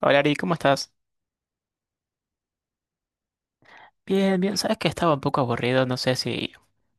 Hola Ari, ¿cómo estás? Bien, bien, sabes que estaba un poco aburrido, no sé si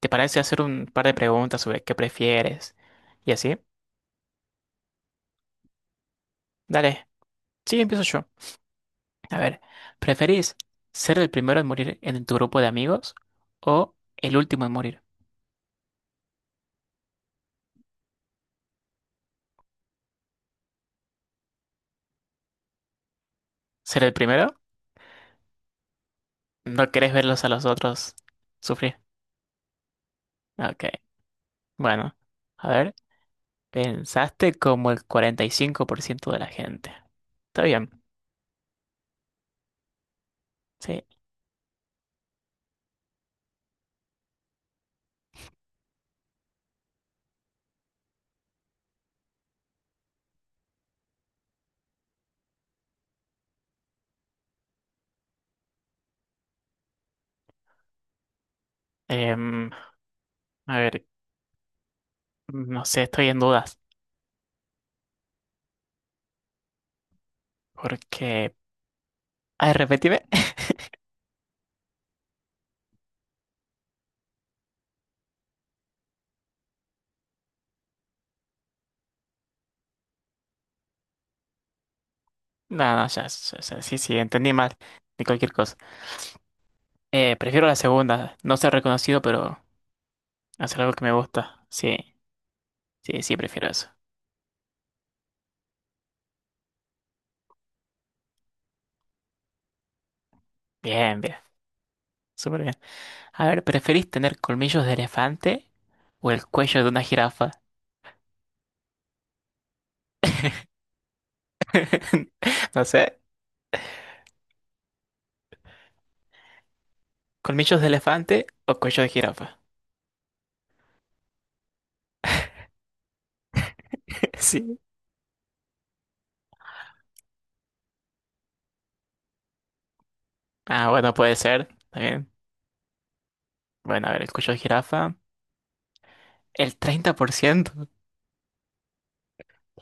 te parece hacer un par de preguntas sobre qué prefieres y así. Dale, sí, empiezo yo. A ver, ¿preferís ser el primero en morir en tu grupo de amigos o el último en morir? ¿Ser el primero? ¿No querés verlos a los otros sufrir? Ok, bueno, a ver, pensaste como el 45% de la gente. Está bien, sí. Em, a ver, no sé, estoy en dudas porque... Ay, repetime. No, no, ya, sí, sí, entendí mal. De cualquier cosa. Prefiero la segunda. No ser reconocido, pero hacer algo que me gusta. Sí, sí, sí, prefiero eso. Bien, bien. Súper bien. A ver, ¿preferís tener colmillos de elefante o el cuello de una jirafa? No sé. ¿Colmillos de elefante o cuello de jirafa? Sí. Ah, bueno, puede ser. También. Bueno, a ver, el cuello de jirafa. El 30%.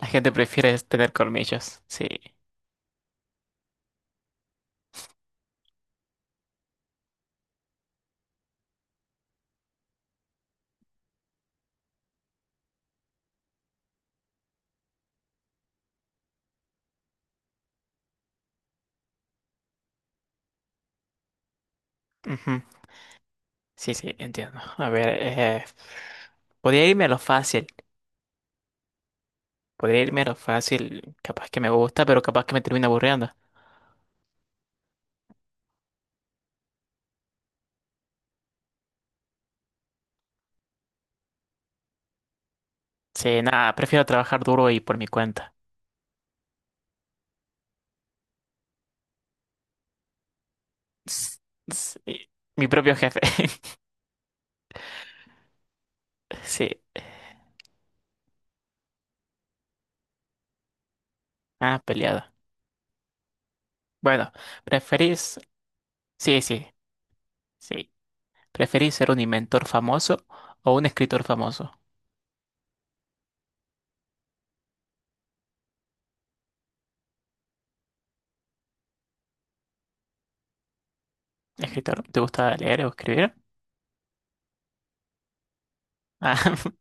La gente prefiere tener colmillos. Sí. Ujú. Sí, sí, entiendo. A ver, podría irme a lo fácil. Podría irme a lo fácil. Capaz que me gusta, pero capaz que me termina aburriendo. Sí, nada, prefiero trabajar duro y por mi cuenta. S- sí, mi propio jefe. Sí, ah, peleado. Bueno, ¿preferís? Sí, sí, sí. ¿Preferís ser un inventor famoso o un escritor famoso? ¿Escritor? ¿Te gusta leer o escribir? Ah,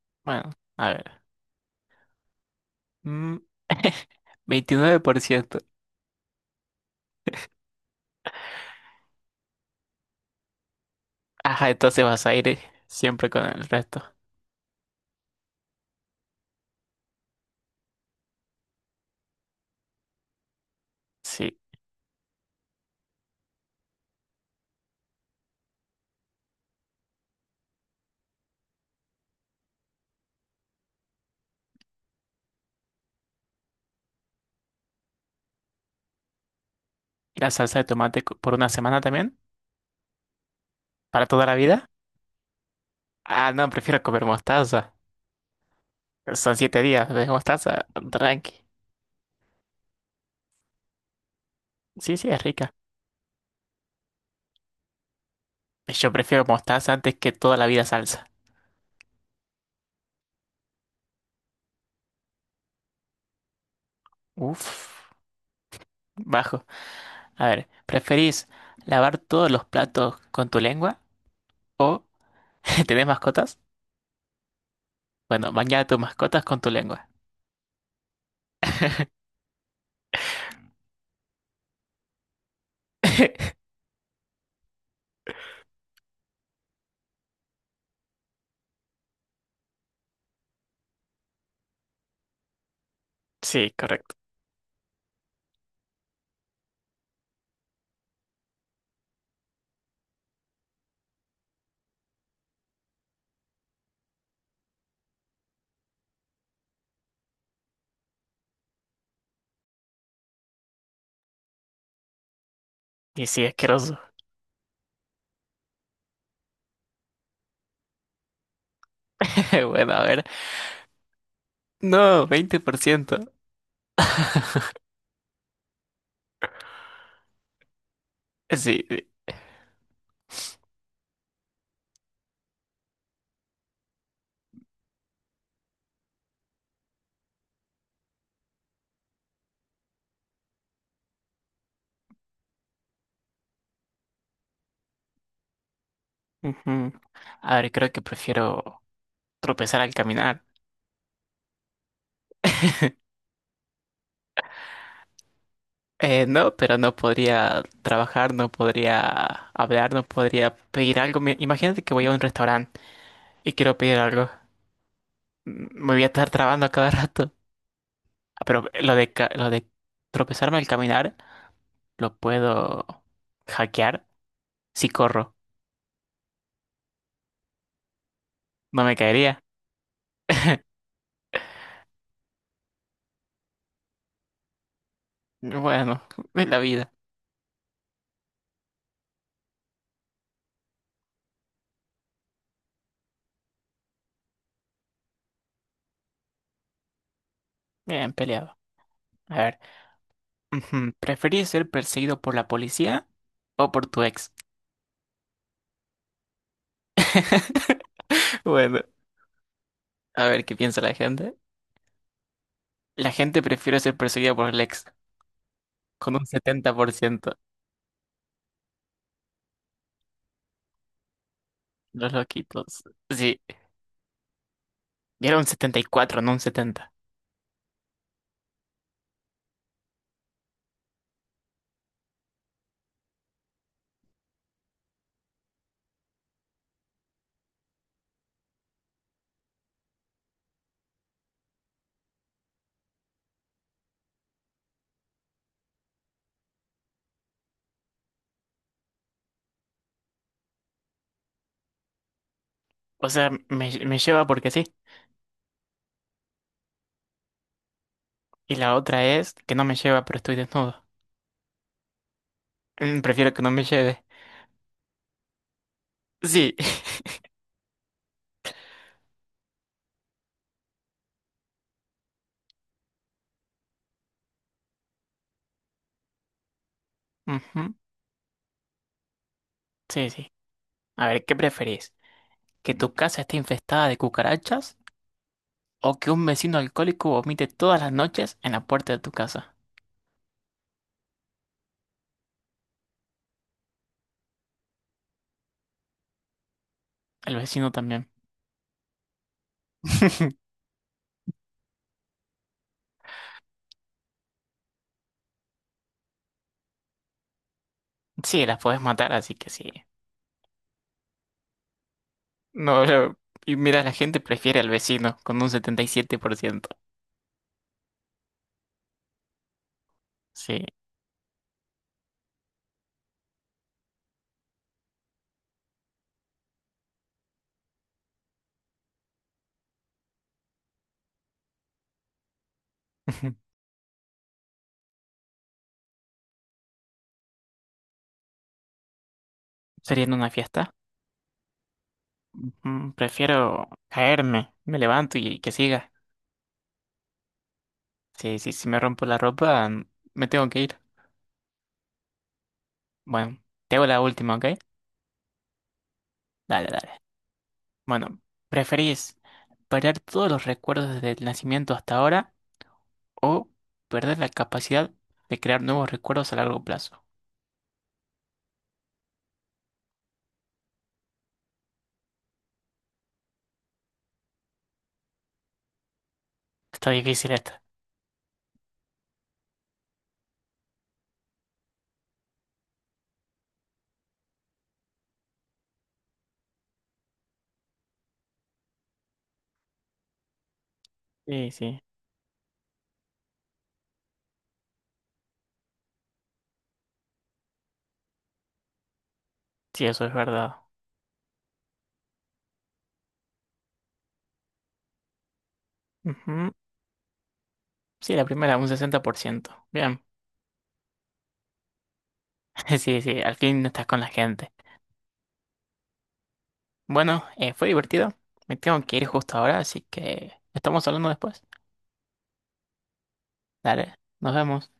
bueno, a ver. Mm, 29%. Ajá, entonces vas a ir siempre con el resto. Sí. ¿Y la salsa de tomate por una semana también? ¿Para toda la vida? Ah, no, prefiero comer mostaza. Son 7 días de mostaza, tranqui. Sí, sí, es rica. Yo prefiero mostaza antes que toda la vida salsa. Uf, bajo. A ver, ¿preferís lavar todos los platos con tu lengua o tenés mascotas? Bueno, bañar a tus mascotas con tu lengua. Sí, correcto. Y sí, asqueroso. Bueno, a ver. No, 20%. Sí. Ujú. A ver, creo que prefiero tropezar al caminar. No, pero no podría trabajar, no podría hablar, no podría pedir algo. Imagínate que voy a un restaurante y quiero pedir algo. Mm, me voy a estar trabando a cada rato. Ah, pero lo lo de tropezarme al caminar lo puedo hackear si corro. No me caería. Bueno, es la vida. Bien peleado. A ver, ujú, ¿preferís ser perseguido por la policía o por tu ex? Bueno, a ver qué piensa la gente. La gente prefiere ser perseguida por Lex con un 70%. Los loquitos. Sí, y era un 74, no un 70. O sea, me lleva porque sí. Y la otra es que no me lleva, pero estoy desnudo. Mm, prefiero que no me lleve. Sí. Ujú, sí, sí. A ver, ¿qué preferís? ¿Que tu casa esté infestada de cucarachas o que un vecino alcohólico vomite todas las noches en la puerta de tu casa? El vecino también. Sí, las podés matar, así que sí. No, y mira, la gente prefiere al vecino con un 77%. Sí. ¿Sería en una fiesta? Mm, prefiero caerme, me levanto y que siga. Sí, sí, si me rompo la ropa, mm, me tengo que ir. Bueno, te hago la última, ¿ok? Dale, dale. Bueno, ¿preferís perder todos los recuerdos desde el nacimiento hasta ahora o perder la capacidad de crear nuevos recuerdos a largo plazo? Está difícil esta. Sí, sí, sí, eso es verdad. Sí, la primera, un 60%. Bien. Sí, sí, al fin no estás con la gente. Bueno, fue divertido. Me tengo que ir justo ahora, así que estamos hablando después. Dale, nos vemos.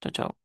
Chau, chau.